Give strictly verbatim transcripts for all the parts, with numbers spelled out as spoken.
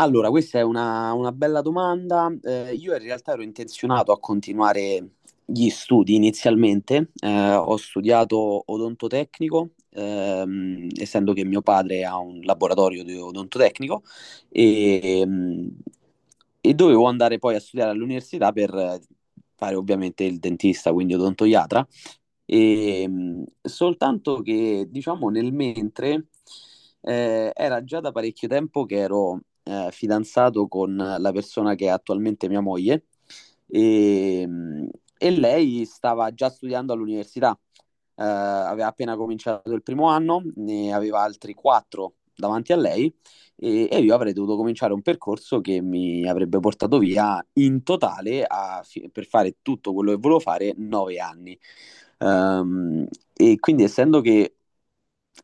Allora, questa è una, una bella domanda. Eh, io in realtà ero intenzionato a continuare gli studi inizialmente. Eh, ho studiato odontotecnico, ehm, essendo che mio padre ha un laboratorio di odontotecnico e, ehm, e dovevo andare poi a studiare all'università per eh, fare ovviamente il dentista, quindi odontoiatra. E, mh, soltanto che, diciamo, nel mentre eh, era già da parecchio tempo che ero eh, fidanzato con la persona che è attualmente mia moglie e, mh, e lei stava già studiando all'università. Eh, aveva appena cominciato il primo anno, ne aveva altri quattro davanti a lei, e, e io avrei dovuto cominciare un percorso che mi avrebbe portato via in totale a fi- per fare tutto quello che volevo fare nove anni. Ehm, e quindi, essendo che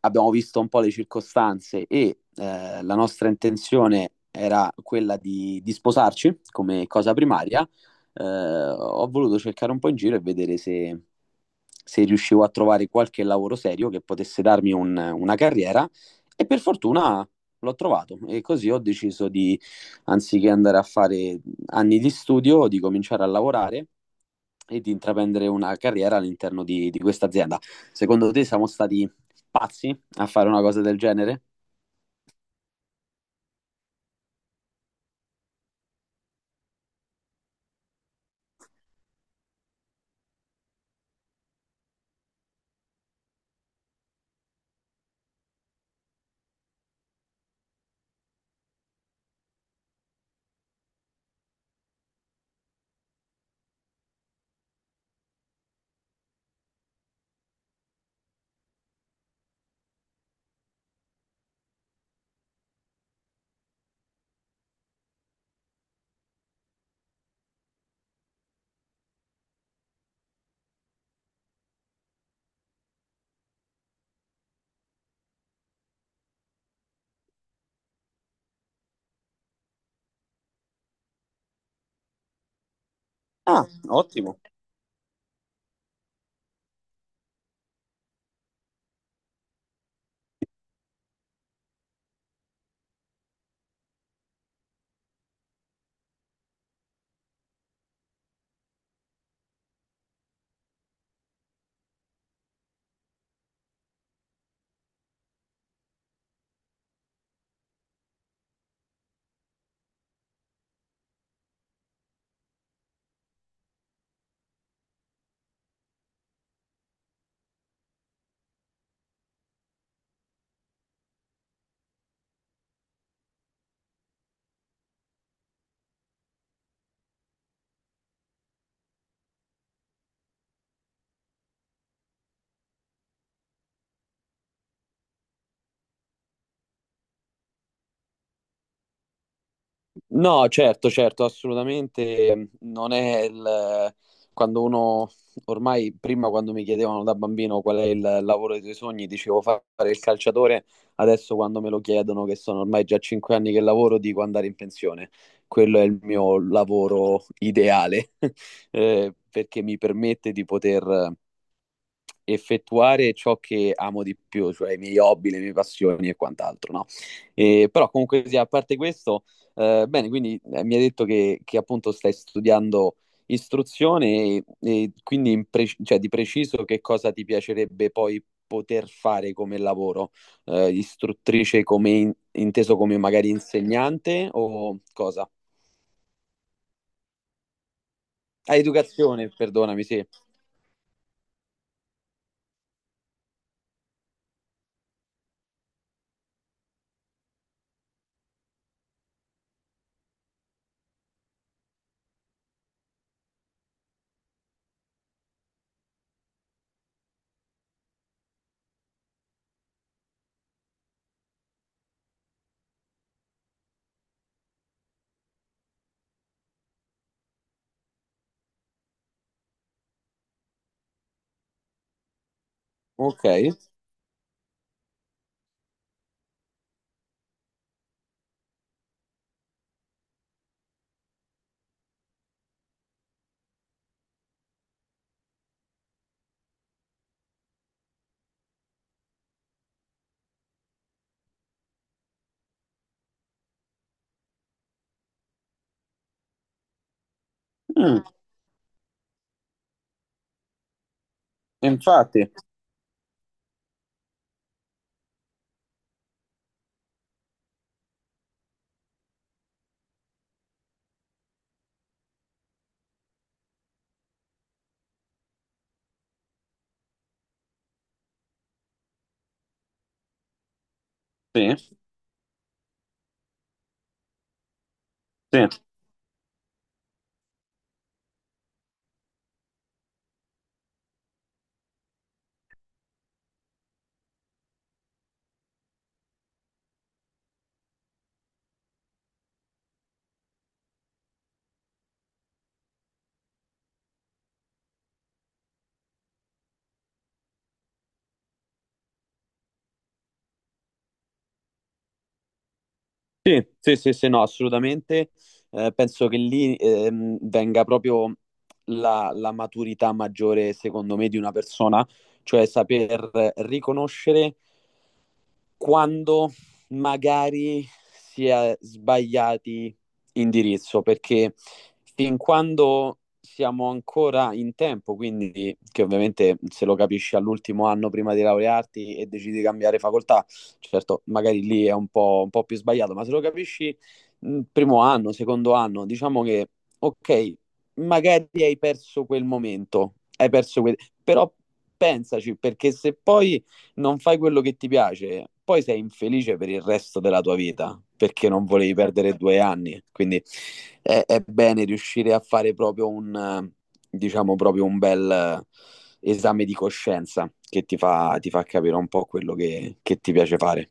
abbiamo visto un po' le circostanze e eh, la nostra intenzione era quella di, di sposarci come cosa primaria, eh, ho voluto cercare un po' in giro e vedere se, se riuscivo a trovare qualche lavoro serio che potesse darmi un- una carriera, e per fortuna l'ho trovato, e così ho deciso di, anziché andare a fare anni di studio, di cominciare a lavorare e di intraprendere una carriera all'interno di, di questa azienda. Secondo te siamo stati pazzi a fare una cosa del genere? Ah, ottimo. No, certo, certo, assolutamente non è il... Quando uno, ormai, prima quando mi chiedevano da bambino qual è il lavoro dei tuoi sogni, dicevo fare il calciatore. Adesso quando me lo chiedono, che sono ormai già cinque anni che lavoro, dico andare in pensione. Quello è il mio lavoro ideale, eh, perché mi permette di poter effettuare ciò che amo di più, cioè i miei hobby, le mie passioni e quant'altro, no? E, però, comunque sia, a parte questo, eh, bene, quindi eh, mi hai detto che, che appunto stai studiando istruzione, e, e quindi, in pre- cioè, di preciso, che cosa ti piacerebbe poi poter fare come lavoro? Eh, istruttrice, come in- inteso come magari insegnante o cosa? Ah, educazione, perdonami, sì. Ok. Mm, infatti, sì, sì. Sì, sì, sì, sì, no, assolutamente. Eh, penso che lì, ehm, venga proprio la, la maturità maggiore, secondo me, di una persona. Cioè, saper riconoscere quando magari si è sbagliati indirizzo, perché fin quando siamo ancora in tempo... Quindi, che ovviamente se lo capisci all'ultimo anno prima di laurearti e decidi di cambiare facoltà, certo, magari lì è un po', un po' più sbagliato, ma se lo capisci, mh, primo anno, secondo anno, diciamo che ok, magari hai perso quel momento, hai perso quel... però pensaci, perché se poi non fai quello che ti piace, poi sei infelice per il resto della tua vita perché non volevi perdere due anni. Quindi è, è bene riuscire a fare proprio un, eh, diciamo, proprio un bel, eh, esame di coscienza che ti fa, ti fa capire un po' quello che, che ti piace fare.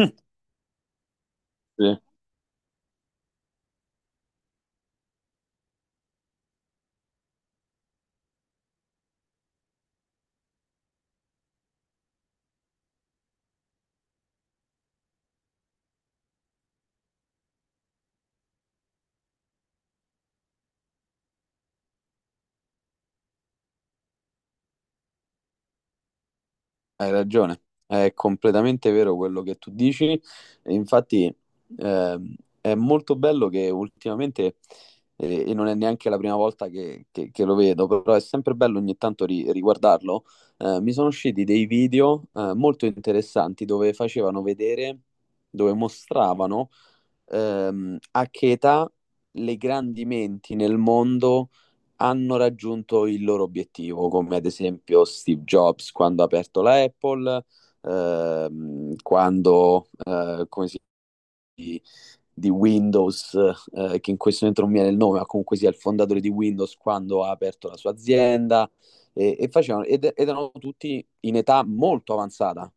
Mm. Sì. Hai ragione, è completamente vero quello che tu dici. E infatti, ehm, è molto bello che ultimamente, eh, e non è neanche la prima volta che, che- che lo vedo, però è sempre bello ogni tanto ri- riguardarlo. Eh, mi sono usciti dei video, eh, molto interessanti, dove facevano vedere, dove mostravano, ehm, a che età le grandi menti nel mondo hanno raggiunto il loro obiettivo, come ad esempio Steve Jobs quando ha aperto la Apple, ehm, quando, eh, come si di, di Windows, eh, che in questo momento non mi viene il nome, ma comunque sia il fondatore di Windows quando ha aperto la sua azienda. E, e facevano, ed, ed erano tutti in età molto avanzata,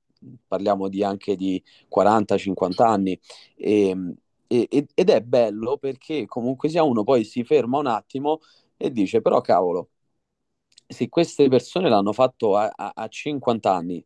parliamo di anche di quaranta, cinquanta anni, e, e- ed è bello, perché comunque sia uno poi si ferma un attimo e dice, però cavolo, se queste persone l'hanno fatto a, a- a cinquanta anni,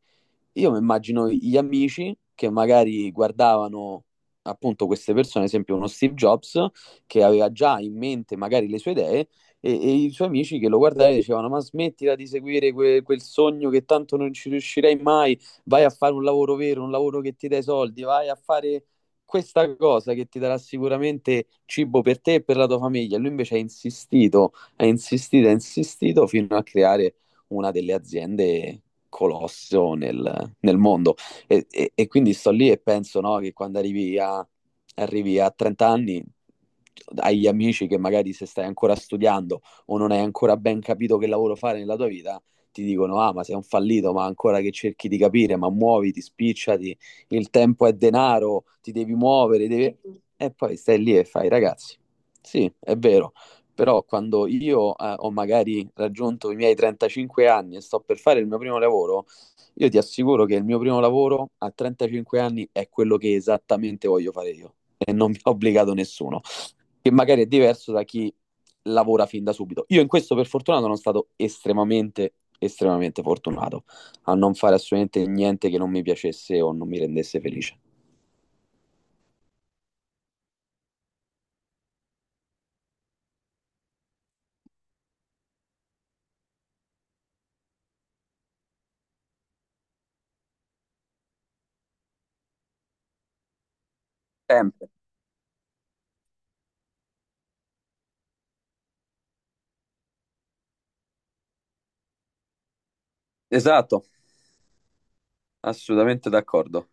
io mi immagino gli amici che magari guardavano appunto queste persone, ad esempio uno Steve Jobs, che aveva già in mente magari le sue idee, e, e i suoi amici che lo guardavano e dicevano, ma smettila di seguire que- quel sogno, che tanto non ci riuscirei mai, vai a fare un lavoro vero, un lavoro che ti dà i soldi, vai a fare questa cosa che ti darà sicuramente cibo per te e per la tua famiglia. Lui invece ha insistito, ha insistito, ha insistito, fino a creare una delle aziende colosso nel nel mondo. E, e e quindi sto lì e penso, no, che quando arrivi a, arrivi a trenta anni, hai gli amici che, magari, se stai ancora studiando o non hai ancora ben capito che lavoro fare nella tua vita, ti dicono, ah, ma sei un fallito, ma ancora che cerchi di capire, ma muoviti, spicciati, il tempo è denaro, ti devi muovere, devi... E poi stai lì e fai, ragazzi, sì, è vero, però quando io, eh, ho magari raggiunto i miei trentacinque anni e sto per fare il mio primo lavoro, io ti assicuro che il mio primo lavoro a trentacinque anni è quello che esattamente voglio fare io e non mi ha obbligato nessuno, che magari è diverso da chi lavora fin da subito. Io in questo per fortuna sono stato estremamente, estremamente fortunato a non fare assolutamente niente che non mi piacesse o non mi rendesse felice. Sempre. Esatto, assolutamente d'accordo.